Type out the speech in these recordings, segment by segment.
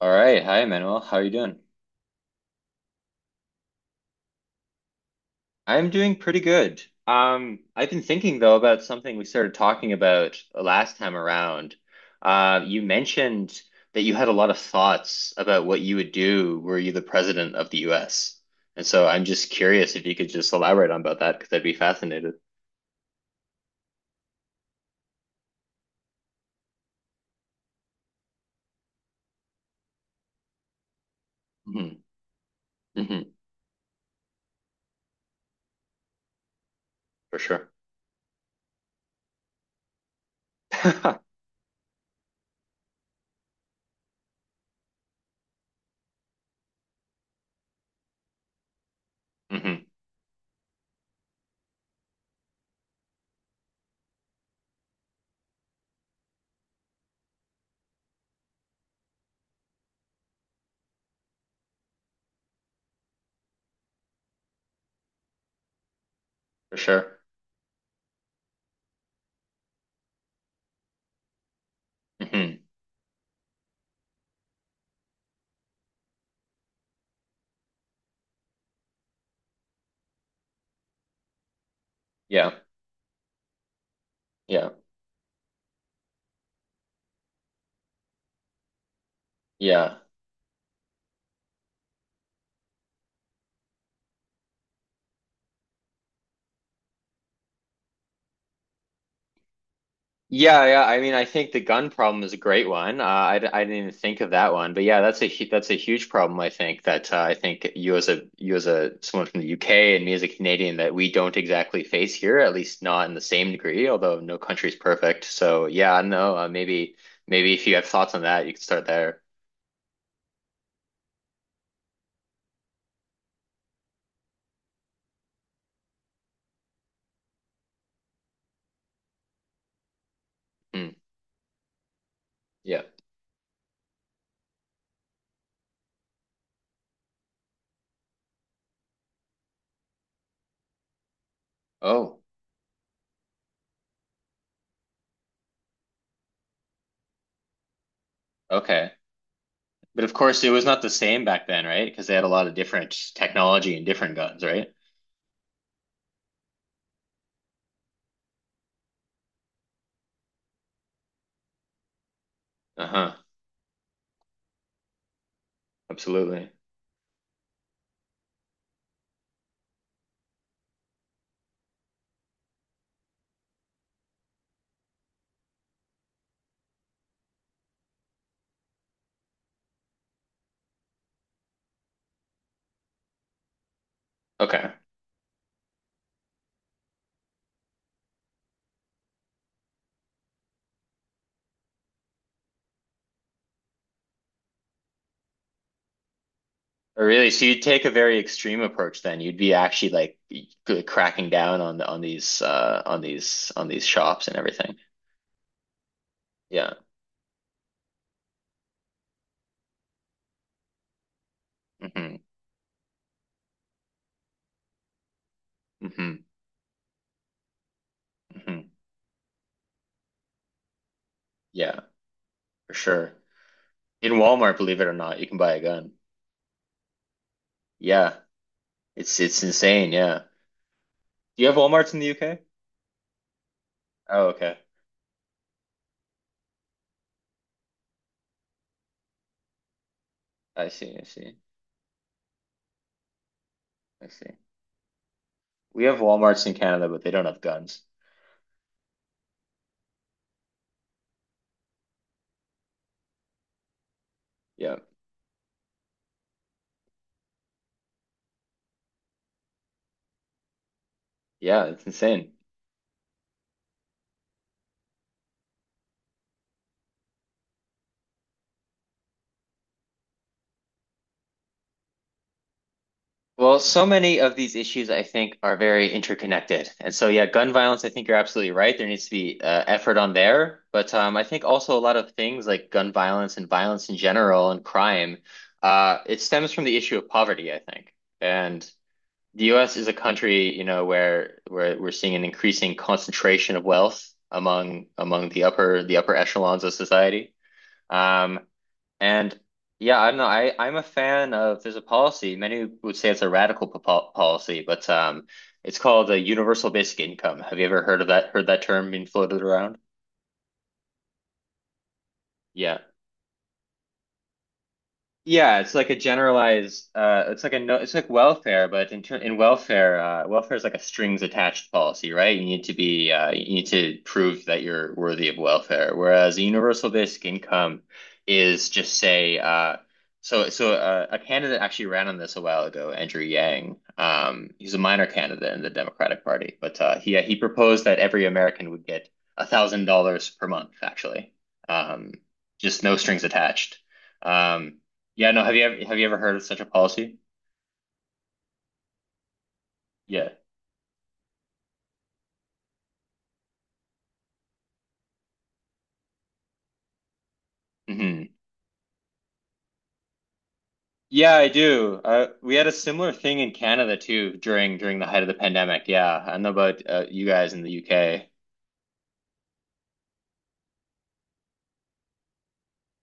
All right. Hi, Manuel. How are you doing? I'm doing pretty good. I've been thinking though about something we started talking about last time around. You mentioned that you had a lot of thoughts about what you would do were you the president of the US. And so I'm just curious if you could just elaborate on about that because I'd be fascinated. Hmm. Hmm. For sure. hmm. For sure. Hmm. Yeah. Yeah. Yeah. Yeah, yeah. I mean, I think the gun problem is a great one. I didn't even think of that one, but yeah, that's that's a huge problem. I think that I think you as a someone from the UK and me as a Canadian that we don't exactly face here, at least not in the same degree. Although no country's perfect, so yeah, I don't know. Maybe if you have thoughts on that, you can start there. Hmm. Yeah. Oh, okay. But of course, it was not the same back then, right? Because they had a lot of different technology and different guns, right? Uh-huh. Absolutely. Okay. Oh, really? So you'd take a very extreme approach then. You'd be actually like cracking down on these on these shops and everything. Yeah. Hmm. Hmm. Hmm. Yeah, for sure. In Walmart, believe it or not, you can buy a gun. Yeah. It's insane, yeah. Do you have Walmarts in the UK? Oh, okay. I see, I see. I see. We have Walmarts in Canada, but they don't have guns. Yeah. Yeah, it's insane. Well, so many of these issues, I think, are very interconnected. And so, yeah, gun violence, I think you're absolutely right. There needs to be effort on there. But I think also a lot of things like gun violence and violence in general and crime, it stems from the issue of poverty, I think. And the US is a country, you know, where we're seeing an increasing concentration of wealth among the upper echelons of society. Um, and yeah, I'm not, I I'm a fan of there's a policy. Many would say it's a radical po policy, but it's called a universal basic income. Have you ever heard of that? Heard that term being floated around? Yeah. Yeah, it's like a generalized, it's like a no, it's like welfare, but in welfare, welfare is like a strings attached policy, right? You need to be, you need to prove that you're worthy of welfare. Whereas a universal basic income is just say, a candidate actually ran on this a while ago, Andrew Yang. He's a minor candidate in the Democratic Party, but he proposed that every American would get $1,000 per month, actually, um, just no strings attached. Um, yeah, no, have you ever heard of such a policy? Yeah. Hmm. Yeah, I do. We had a similar thing in Canada too during the height of the pandemic. Yeah, I know about you guys in the UK.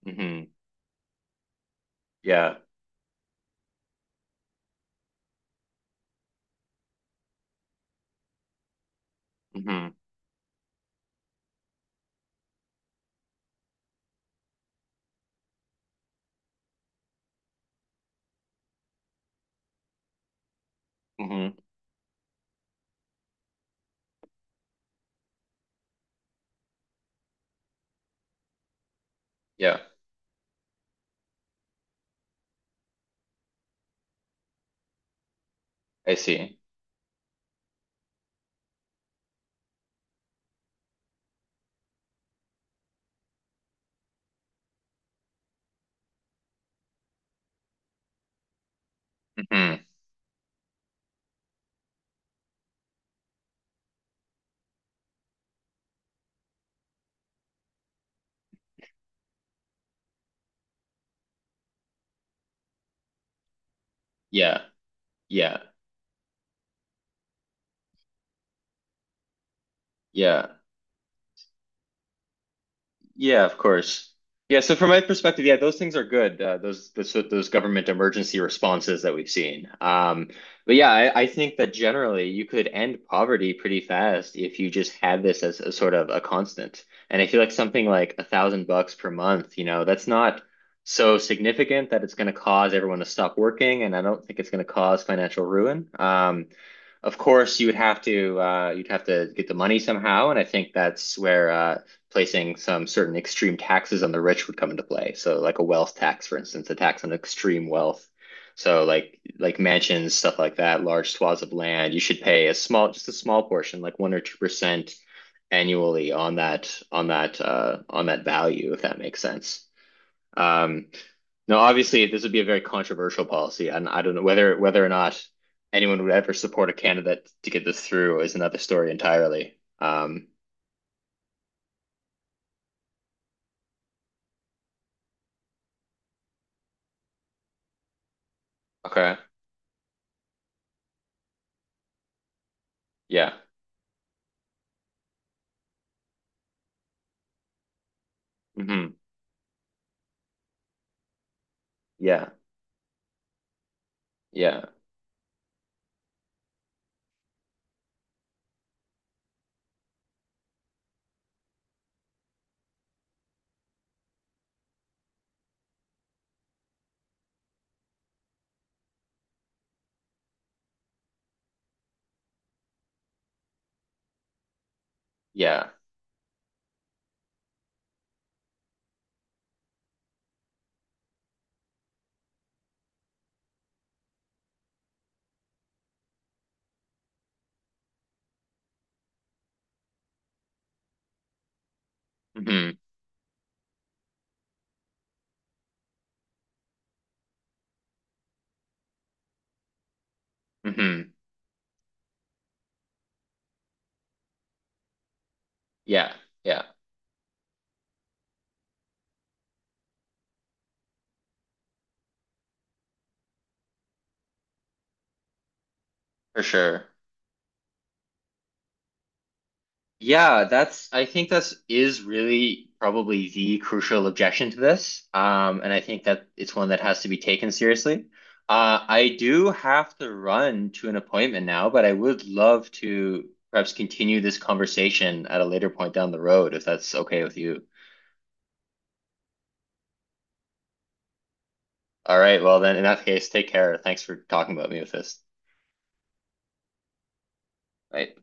Hmm. Yeah. Hmm. Hmm. Yeah, I see. Hmm. Yeah, yeah, yeah. Yeah, of course. Yeah, so from my perspective, yeah, those things are good. Those government emergency responses that we've seen. But yeah, I think that generally you could end poverty pretty fast if you just had this as a sort of a constant. And I feel like something like $1,000 per month, you know, that's not so significant that it's going to cause everyone to stop working, and I don't think it's going to cause financial ruin. Of course you would have to you'd have to get the money somehow, and I think that's where placing some certain extreme taxes on the rich would come into play. So like a wealth tax, for instance, a tax on extreme wealth. So like mansions, stuff like that, large swaths of land, you should pay a small, just a small portion, like 1 or 2% annually on that on that value, if that makes sense. Um, no, obviously this would be a very controversial policy, and I don't know whether whether or not anyone would ever support a candidate to get this through is another story entirely. Okay. Yeah. Hmm. Yeah. Yeah. Yeah. Hmm. Hmm. Yeah. Yeah. For sure. Yeah, that's I think that's is really probably the crucial objection to this. And I think that it's one that has to be taken seriously. I do have to run to an appointment now, but I would love to perhaps continue this conversation at a later point down the road if that's okay with you. All right, well then in that case, take care. Thanks for talking about me with this. Bye.